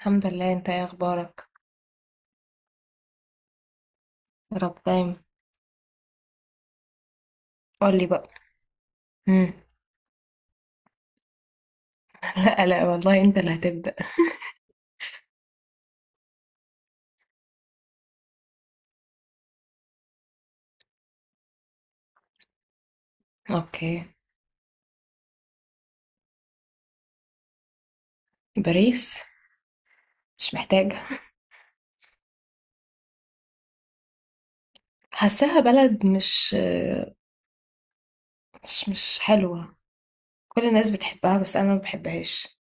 الحمد لله. انت ايه اخبارك؟ يا رب دايما. قول لي بقى. مم. لا لا والله انت اللي هتبدأ. اوكي. باريس. مش محتاجة. حاساها بلد مش حلوة. كل الناس بتحبها بس انا ما بحبهاش.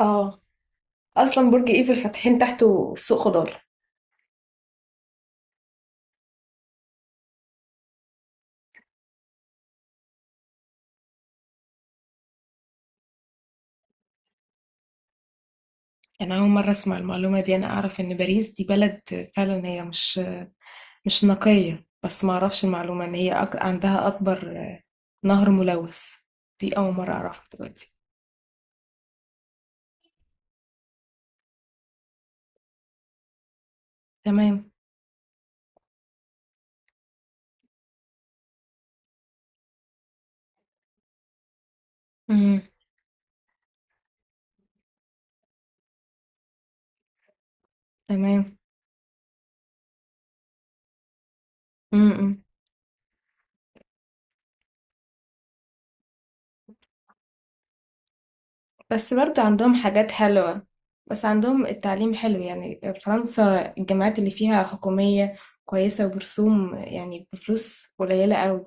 اه، اصلا برج ايفل فاتحين تحته سوق خضار. انا اول مرة اسمع المعلومة دي، انا اعرف ان باريس دي بلد فعلا هي مش نقية، بس ما اعرفش المعلومة ان هي عندها اكبر نهر ملوث. دي اول مرة اعرفها دلوقتي. تمام. امم. تمام. امم. بس برضو عندهم حاجات حلوة، بس عندهم التعليم حلو، يعني فرنسا الجامعات اللي فيها حكومية كويسة وبرسوم يعني بفلوس قليلة قوي،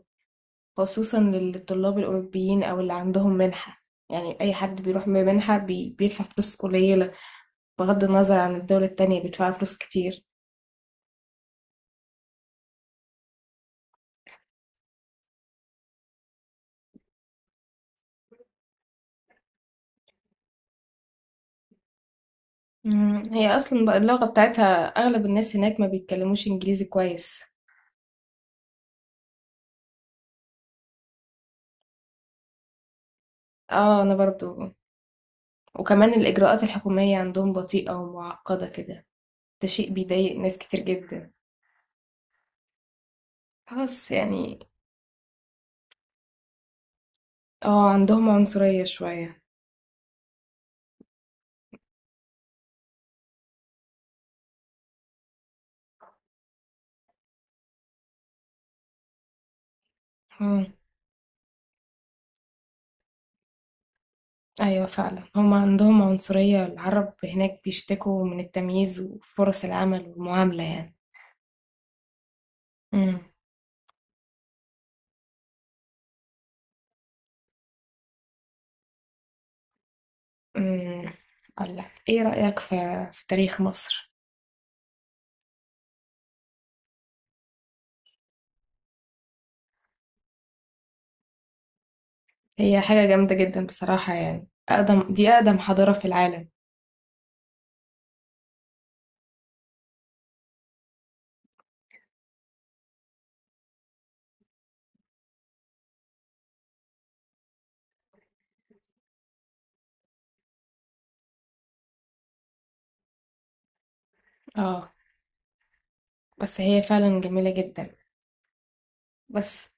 خصوصا للطلاب الأوروبيين أو اللي عندهم منحة. يعني أي حد بيروح بمنحة بيدفع فلوس قليلة، بغض النظر عن الدولة التانية بيدفع فلوس كتير. مم. هي أصلا بقى اللغة بتاعتها أغلب الناس هناك ما بيتكلموش إنجليزي كويس. اه، أنا برضو. وكمان الإجراءات الحكومية عندهم بطيئة ومعقدة كده. ده شيء بيضايق ناس كتير جدا. خلاص يعني. اه، عندهم عنصرية شوية. مم. أيوة فعلا، هم عندهم عنصرية، العرب هناك بيشتكوا من التمييز وفرص العمل والمعاملة يعني. مم. مم. أقول لك إيه رأيك في تاريخ مصر؟ هي حاجة جامدة جدا بصراحة، يعني أقدم، دي أقدم حضارة في العالم. اه، بس هي فعلا جميلة جدا. بس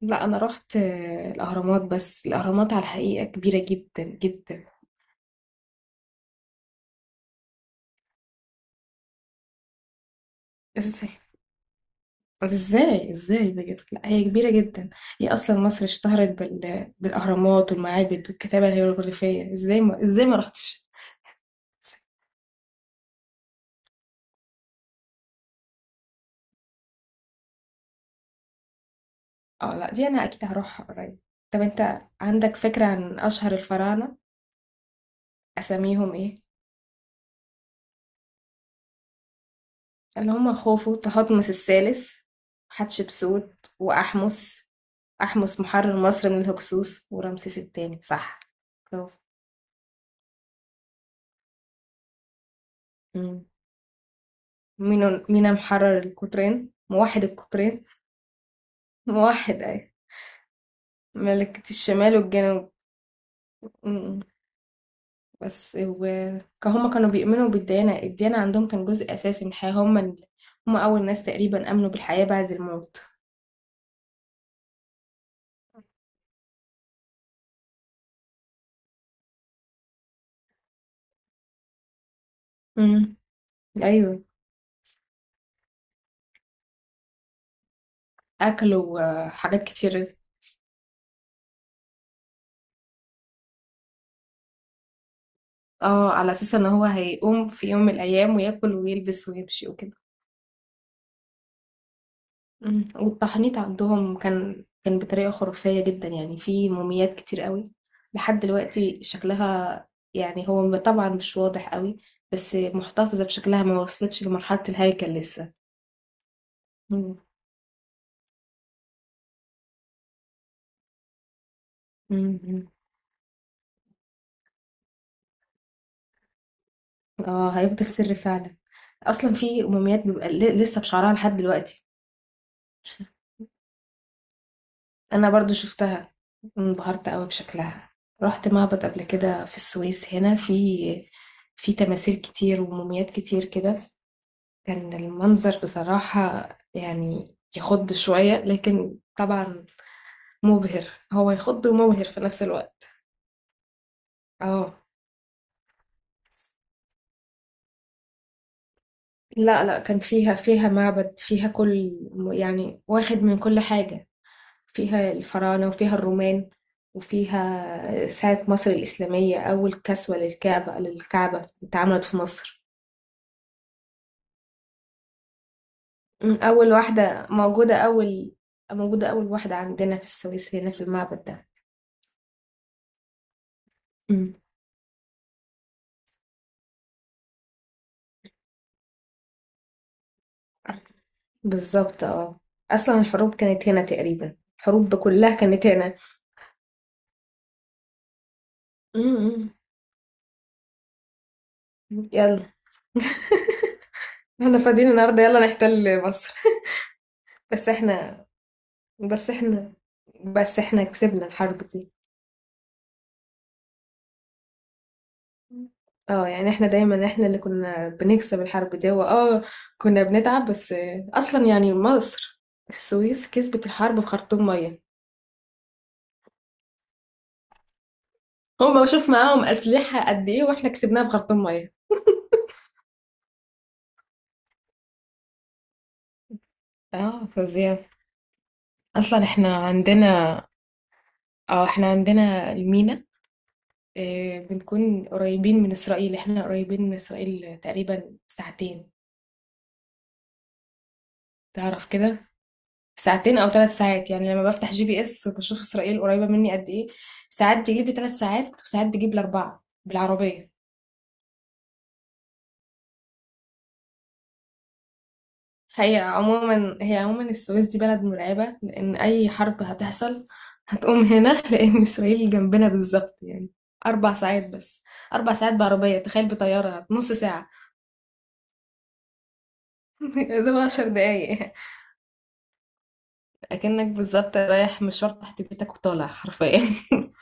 لا، انا رحت الاهرامات، بس الاهرامات على الحقيقه كبيره جدا جدا. ازاي؟ ازاي ازاي بجد؟ لا هي كبيره جدا، هي اصلا مصر اشتهرت بالاهرامات والمعابد والكتابه الهيروغليفيه، ازاي ما رحتش؟ اه لا، دي انا اكيد هروحها قريب. طب انت عندك فكره عن اشهر الفراعنه؟ اساميهم ايه؟ اللي هم خوفو، تحتمس الثالث، حتشبسوت، واحمس. احمس محرر مصر من الهكسوس، ورمسيس الثاني، صح؟ برافو. مينا، مينا محرر القطرين، موحد القطرين. موحد أي، ملكة الشمال والجنوب. م- بس، وهما كانوا بيؤمنوا بالديانة، الديانة عندهم كان جزء أساسي من الحياة. هما هما أول ناس تقريبا آمنوا بالحياة بعد الموت. امم. أيوه. أكلوا. آه، حاجات كتير. اه، على أساس إن هو هيقوم في يوم من الأيام وياكل ويلبس ويمشي وكده. إمم. والتحنيط عندهم كان بطريقة خرافية جدًا، يعني في مومياوات كتير أوي لحد دلوقتي شكلها، يعني هو طبعًا مش واضح أوي، بس محتفظة بشكلها، ما وصلتش لمرحلة الهيكل لسه. إمم، إمم، إمم. آه، هيفضل سر فعلًا. أصلًا في مومياوات بيبقى لسه بشعرها لحد دلوقتي. أنا برضه شُفتها، انبهرت أوي بشكلها. رُحت معبد قبل كده في السويس هنا، في في تماثيل كتير ومومياوات كتير كده. كان المنظر بصراحة يعني يخض شوية، لكن طبعا مبهر. هو يخض ومبهر في نفس الوقت. اه لا لا، كان فيها، فيها معبد، فيها كل، يعني واخد من كل حاجة. فيها الفراعنة وفيها الرومان وفيها ساعة مصر الإسلامية. أول كسوة للكعبة، للكعبة اتعملت في مصر. أول واحدة موجودة، أول موجودة، أول واحدة عندنا في السويس هنا في المعبد ده. بالظبط، اه. اصلا الحروب كانت هنا تقريبا، الحروب كلها كانت هنا. امم. يلا. احنا فاضيين النهارده، يلا نحتل مصر. بس احنا، بس احنا، بس احنا كسبنا الحرب دي. اه يعني احنا دايما، احنا اللي كنا بنكسب الحرب دي، هو اه، كنا بنتعب بس. اصلا يعني مصر، السويس كسبت الحرب بخرطوم ميه. هما شوف معاهم اسلحه قد ايه واحنا كسبناها بخرطوم ميه. اه، فظيع. اصلا احنا عندنا، اه احنا عندنا المينا. بنكون قريبين من إسرائيل. احنا قريبين من إسرائيل تقريبا ساعتين، تعرف كده، ساعتين أو 3 ساعات. يعني لما بفتح GPS وبشوف إسرائيل قريبة مني قد إيه، ساعات بيجيب لي 3 ساعات وساعات بيجيب لي أربعة بالعربية. هي عموما، هي عموما السويس دي بلد مرعبة، لأن أي حرب هتحصل هتقوم هنا. لأن إسرائيل جنبنا بالظبط، يعني 4 ساعات بس. 4 ساعات بعربية، تخيل بطيارة نص ساعة. ده 10 دقايق، اكنك بالظبط رايح مشوار تحت بيتك وطالع حرفيا.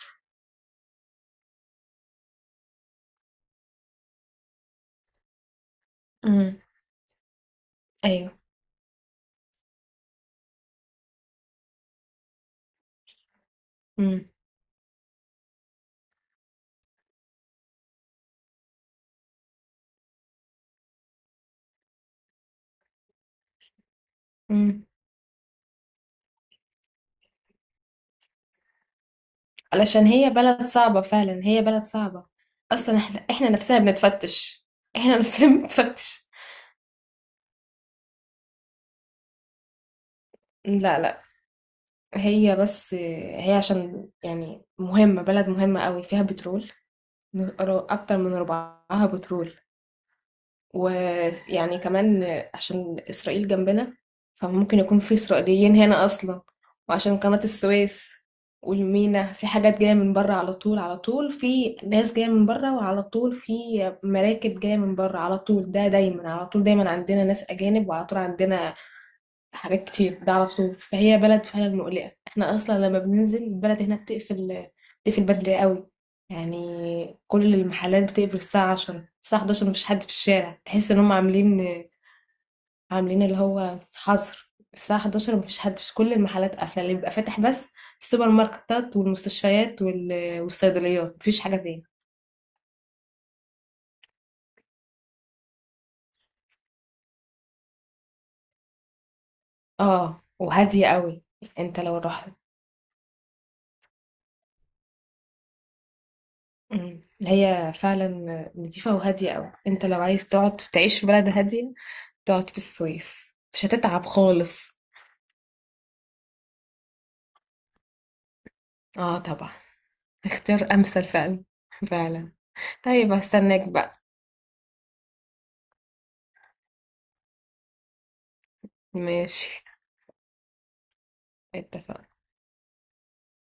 امم. ايوه. امم. امم. علشان هي بلد صعبة، فعلا هي بلد صعبة. اصلا احنا، احنا نفسنا بنتفتش، احنا نفسنا بنتفتش. لا لا. هي بس، هي عشان يعني مهمة، بلد مهمة قوي، فيها بترول، اكتر من ربعها بترول. ويعني كمان عشان إسرائيل جنبنا، فممكن يكون في إسرائيليين هنا أصلا. وعشان قناة السويس والمينا، في حاجات جاية من بره على طول، على طول في ناس جاية من بره، وعلى طول في مراكب جاية من بره على طول، ده دايما على طول، دايما عندنا ناس أجانب، وعلى طول عندنا حاجات كتير، ده على طول. فهي بلد فعلا مقلقة. احنا اصلا لما بننزل البلد هنا بتقفل بدري قوي، يعني كل المحلات بتقفل الساعة 10 الساعة 11، مفيش حد في الشارع، تحس ان هم عاملين اللي هو حظر. الساعة 11 مفيش حد، في كل المحلات قافلة، اللي بيبقى فاتح بس السوبر ماركتات والمستشفيات والصيدليات، مفيش حاجة تاني. اه، وهادية قوي. انت لو رحت، مم، هي فعلا نضيفة وهادية قوي. انت لو عايز تقعد تعيش في بلد هادية، تقعد في السويس مش هتتعب خالص. اه طبعا. اختيار امثل فعلا. فعلا. طيب هستناك بقى. ماشي. اتفقنا.